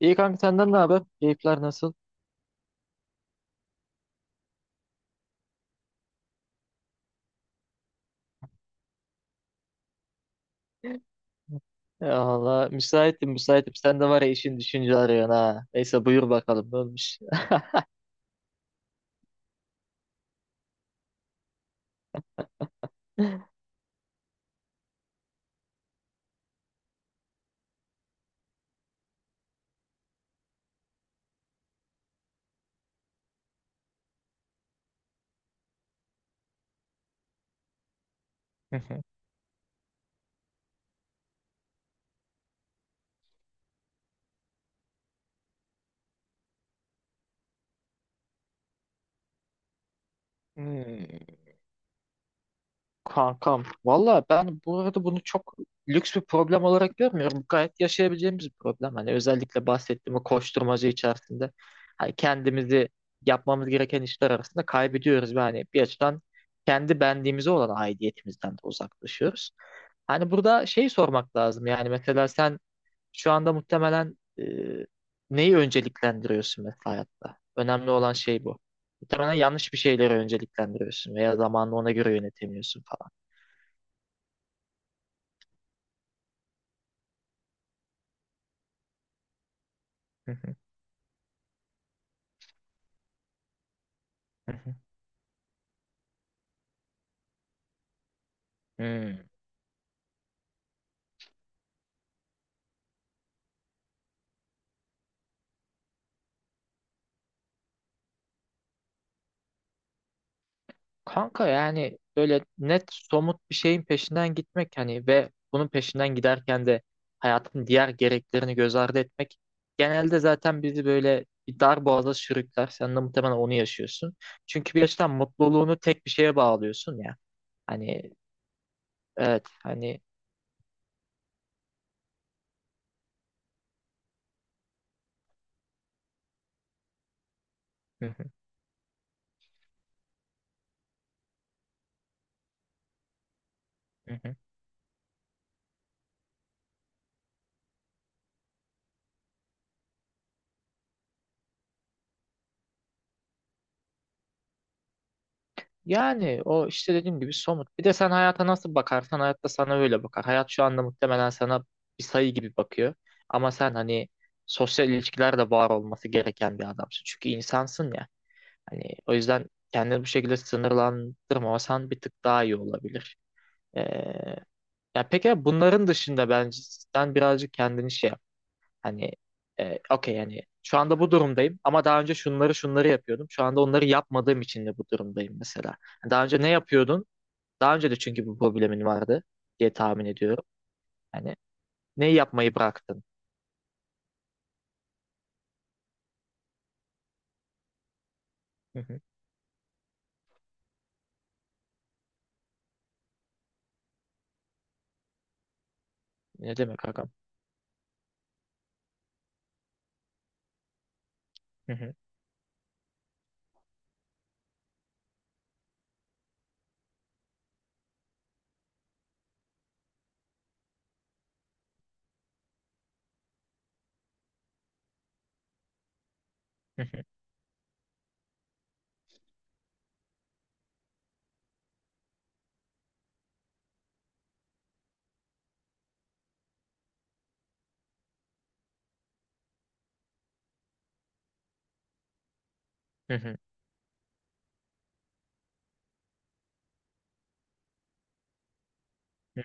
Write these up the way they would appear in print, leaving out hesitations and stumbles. İyi kanka senden ne haber? Keyifler nasıl? Ya Allah müsaitim müsaitim. Sen de var ya işin düşünce arıyorsun ha. Neyse buyur bakalım ne olmuş. Hmm, kankam. Valla ben bu arada bunu çok lüks bir problem olarak görmüyorum. Gayet yaşayabileceğimiz bir problem. Hani özellikle bahsettiğim o koşturmacı içerisinde. Hani kendimizi yapmamız gereken işler arasında kaybediyoruz. Yani bir açıdan kendi benliğimize olan aidiyetimizden de uzaklaşıyoruz. Hani burada şey sormak lazım. Yani mesela sen şu anda muhtemelen neyi önceliklendiriyorsun mesela hayatta? Önemli olan şey bu. Muhtemelen yanlış bir şeyleri önceliklendiriyorsun veya zamanını ona göre yönetemiyorsun falan. Hı hı, hı hı. Hmm. Kanka yani böyle net somut bir şeyin peşinden gitmek hani ve bunun peşinden giderken de hayatın diğer gereklerini göz ardı etmek genelde zaten bizi böyle bir dar boğaza sürükler. Sen de muhtemelen onu yaşıyorsun. Çünkü bir açıdan mutluluğunu tek bir şeye bağlıyorsun ya. Hani evet hani. Hı hı, hı hı. Yani o işte dediğim gibi somut. Bir de sen hayata nasıl bakarsan hayat da sana öyle bakar. Hayat şu anda muhtemelen sana bir sayı gibi bakıyor. Ama sen hani sosyal ilişkilerde var olması gereken bir adamsın. Çünkü insansın ya. Hani o yüzden kendini bu şekilde sınırlandırmasan bir tık daha iyi olabilir. Ee, ya peki bunların dışında bence sen birazcık kendini şey yap. Hani okey yani şu anda bu durumdayım ama daha önce şunları şunları yapıyordum. Şu anda onları yapmadığım için de bu durumdayım mesela. Hani daha önce ne yapıyordun? Daha önce de çünkü bu problemin vardı diye tahmin ediyorum. Yani neyi yapmayı bıraktın? Hı hı. Ne demek agam? Hı hı. Hı hı. Hı hı. Hı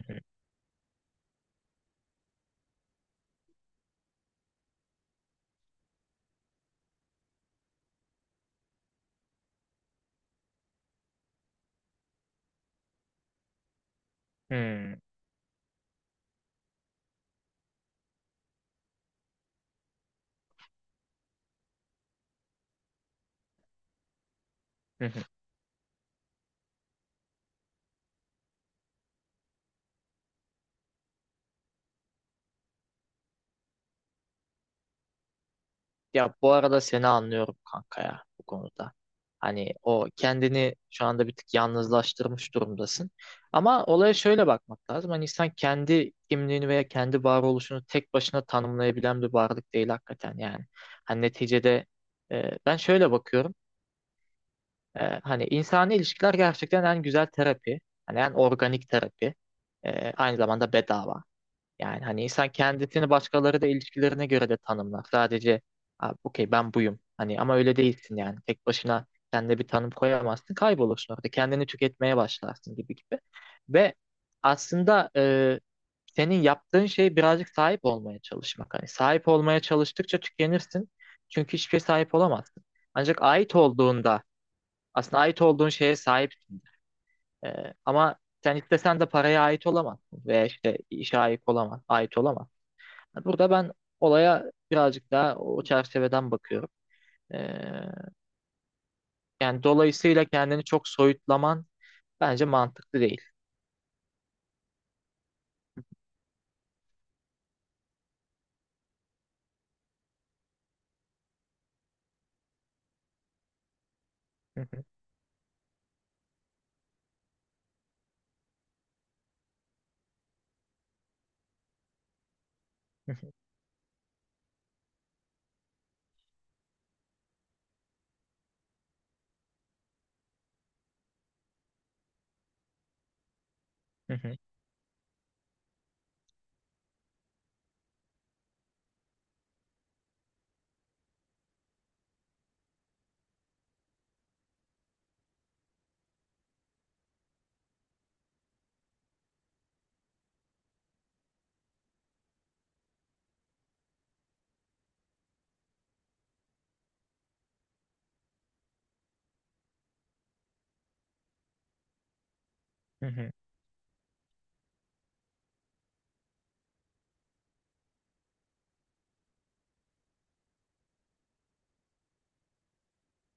hı. Hı hı. Ya bu arada seni anlıyorum kanka ya bu konuda. Hani o kendini şu anda bir tık yalnızlaştırmış durumdasın. Ama olaya şöyle bakmak lazım. Hani insan kendi kimliğini veya kendi varoluşunu tek başına tanımlayabilen bir varlık değil hakikaten yani. Hani neticede ben şöyle bakıyorum. Hani insani ilişkiler gerçekten en güzel terapi. Hani en organik terapi. Aynı zamanda bedava. Yani hani insan kendisini başkaları da ilişkilerine göre de tanımlar. Sadece "Abi, okey ben buyum. Hani ama öyle değilsin yani. Tek başına kendine bir tanım koyamazsın. Kaybolursun orada. Kendini tüketmeye başlarsın gibi gibi. Ve aslında senin yaptığın şey birazcık sahip olmaya çalışmak. Hani sahip olmaya çalıştıkça tükenirsin. Çünkü hiçbir şeye sahip olamazsın. Ancak ait olduğunda aslında ait olduğun şeye sahipsin. Ama sen istesen de paraya ait olamazsın veya işte işe ait olamazsın. Burada ben olaya birazcık daha o çerçeveden bakıyorum. Ee, yani dolayısıyla kendini çok soyutlaman bence mantıklı değil. Hı hı, hı hı, hı hı,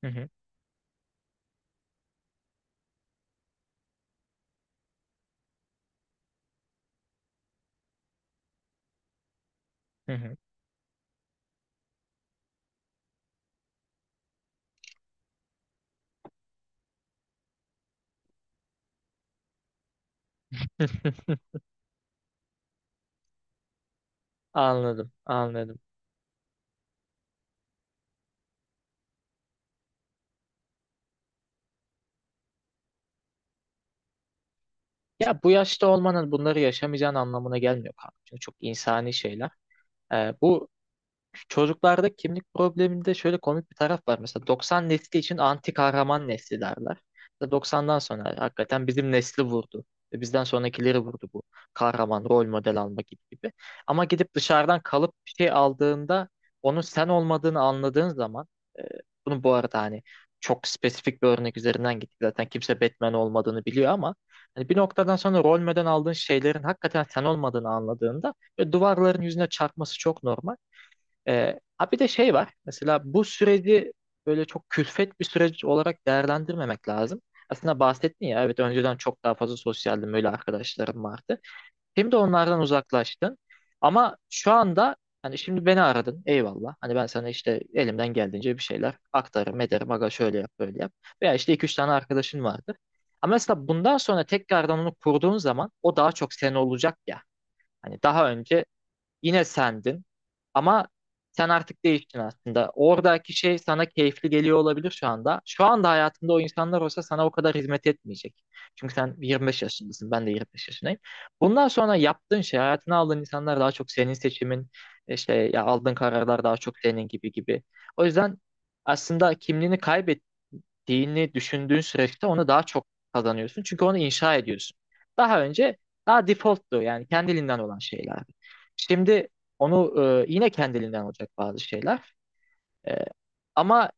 hı hı, hı hı. Anladım, anladım. Ya bu yaşta olmanın bunları yaşamayacağın anlamına gelmiyor kanka. Çünkü çok insani şeyler. Bu çocuklarda kimlik probleminde şöyle komik bir taraf var. Mesela 90 nesli için anti kahraman nesli derler. Mesela 90'dan sonra hakikaten bizim nesli vurdu. Ve bizden sonrakileri vurdu bu. Kahraman, rol model alma gibi gibi. Ama gidip dışarıdan kalıp bir şey aldığında onun sen olmadığını anladığın zaman e, bunu bu arada hani çok spesifik bir örnek üzerinden gittik. Zaten kimse Batman olmadığını biliyor ama hani bir noktadan sonra rol model aldığın şeylerin hakikaten sen olmadığını anladığında ve duvarların yüzüne çarpması çok normal. Ha bir de şey var. Mesela bu süreci böyle çok külfet bir süreç olarak değerlendirmemek lazım. Aslında bahsettin ya evet önceden çok daha fazla sosyaldim böyle arkadaşlarım vardı. Şimdi onlardan uzaklaştın. Ama şu anda hani şimdi beni aradın eyvallah. Hani ben sana işte elimden geldiğince bir şeyler aktarırım ederim. Aga şöyle yap böyle yap. Veya işte iki üç tane arkadaşın vardır. Ama mesela bundan sonra tekrardan onu kurduğun zaman o daha çok sen olacak ya. Hani daha önce yine sendin. Ama sen artık değiştin aslında. Oradaki şey sana keyifli geliyor olabilir şu anda. Şu anda hayatında o insanlar olsa sana o kadar hizmet etmeyecek. Çünkü sen 25 yaşındasın, ben de 25 yaşındayım. Bundan sonra yaptığın şey, hayatına aldığın insanlar daha çok senin seçimin, işte ya aldığın kararlar daha çok senin gibi gibi. O yüzden aslında kimliğini kaybet ettiğini düşündüğün süreçte onu daha çok kazanıyorsun. Çünkü onu inşa ediyorsun. Daha önce daha defaulttu yani kendiliğinden olan şeyler. Şimdi onu yine kendiliğinden olacak bazı şeyler. E, ama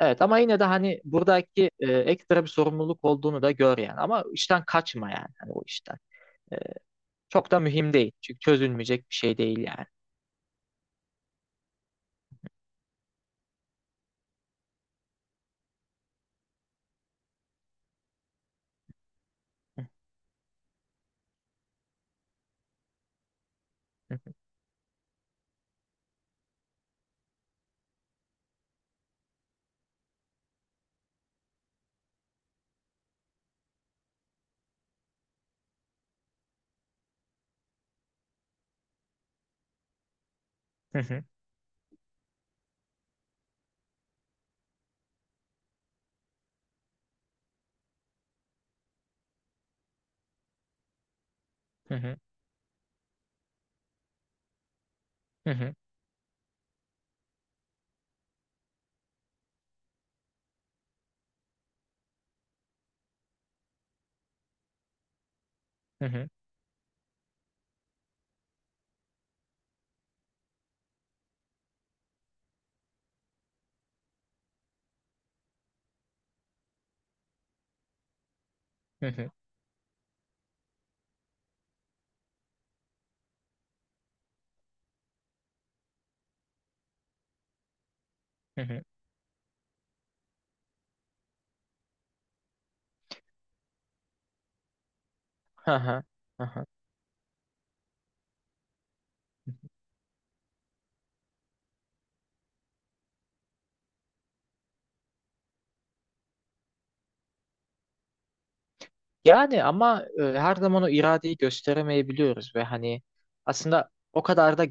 evet ama yine de hani buradaki ekstra bir sorumluluk olduğunu da gör yani. Ama işten kaçma yani hani o işten. E, çok da mühim değil. Çünkü çözülmeyecek bir şey değil yani. Hı hı hı hı hı hı hı hı hı hı hı hı. Hı hı. Yani ama her zaman o iradeyi gösteremeyebiliyoruz ve hani aslında o kadar da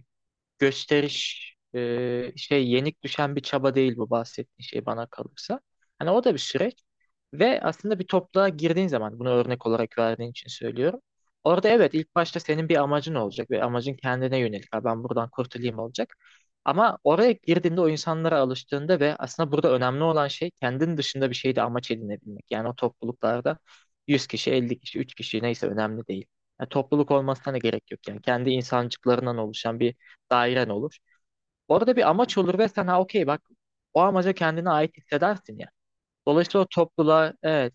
gösteriş şey yenik düşen bir çaba değil bu bahsettiğin şey bana kalırsa. Hani o da bir süreç ve aslında bir topluluğa girdiğin zaman bunu örnek olarak verdiğin için söylüyorum. Orada evet ilk başta senin bir amacın olacak ve amacın kendine yönelik. Ha, ben buradan kurtulayım olacak. Ama oraya girdiğinde o insanlara alıştığında ve aslında burada önemli olan şey kendin dışında bir şeyde amaç edinebilmek. Yani o topluluklarda 100 kişi, 50 kişi, 3 kişi neyse önemli değil. Yani topluluk olmasına da gerek yok. Yani kendi insancıklarından oluşan bir dairen olur. Orada bir amaç olur ve sen ha okey bak o amaca kendine ait hissedersin ya. Dolayısıyla o topluluğa evet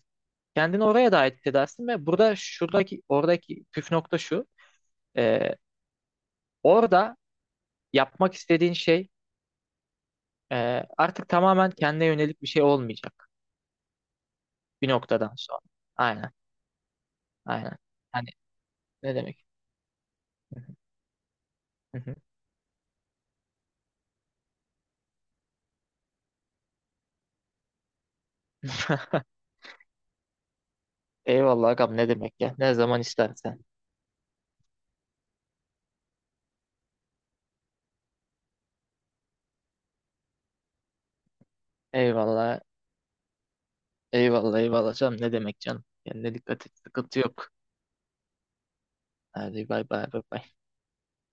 kendini oraya da ait hissedersin ve burada şuradaki oradaki püf nokta şu. e, Orada yapmak istediğin şey artık tamamen kendine yönelik bir şey olmayacak bir noktadan sonra. Aynen aynen. Hani ne demek? Eyvallah Gam ne demek ya? Ne zaman istersen. Eyvallah. Eyvallah eyvallah canım ne demek canım. Kendine dikkat et. Sıkıntı yok. Hadi bay bay bay bay.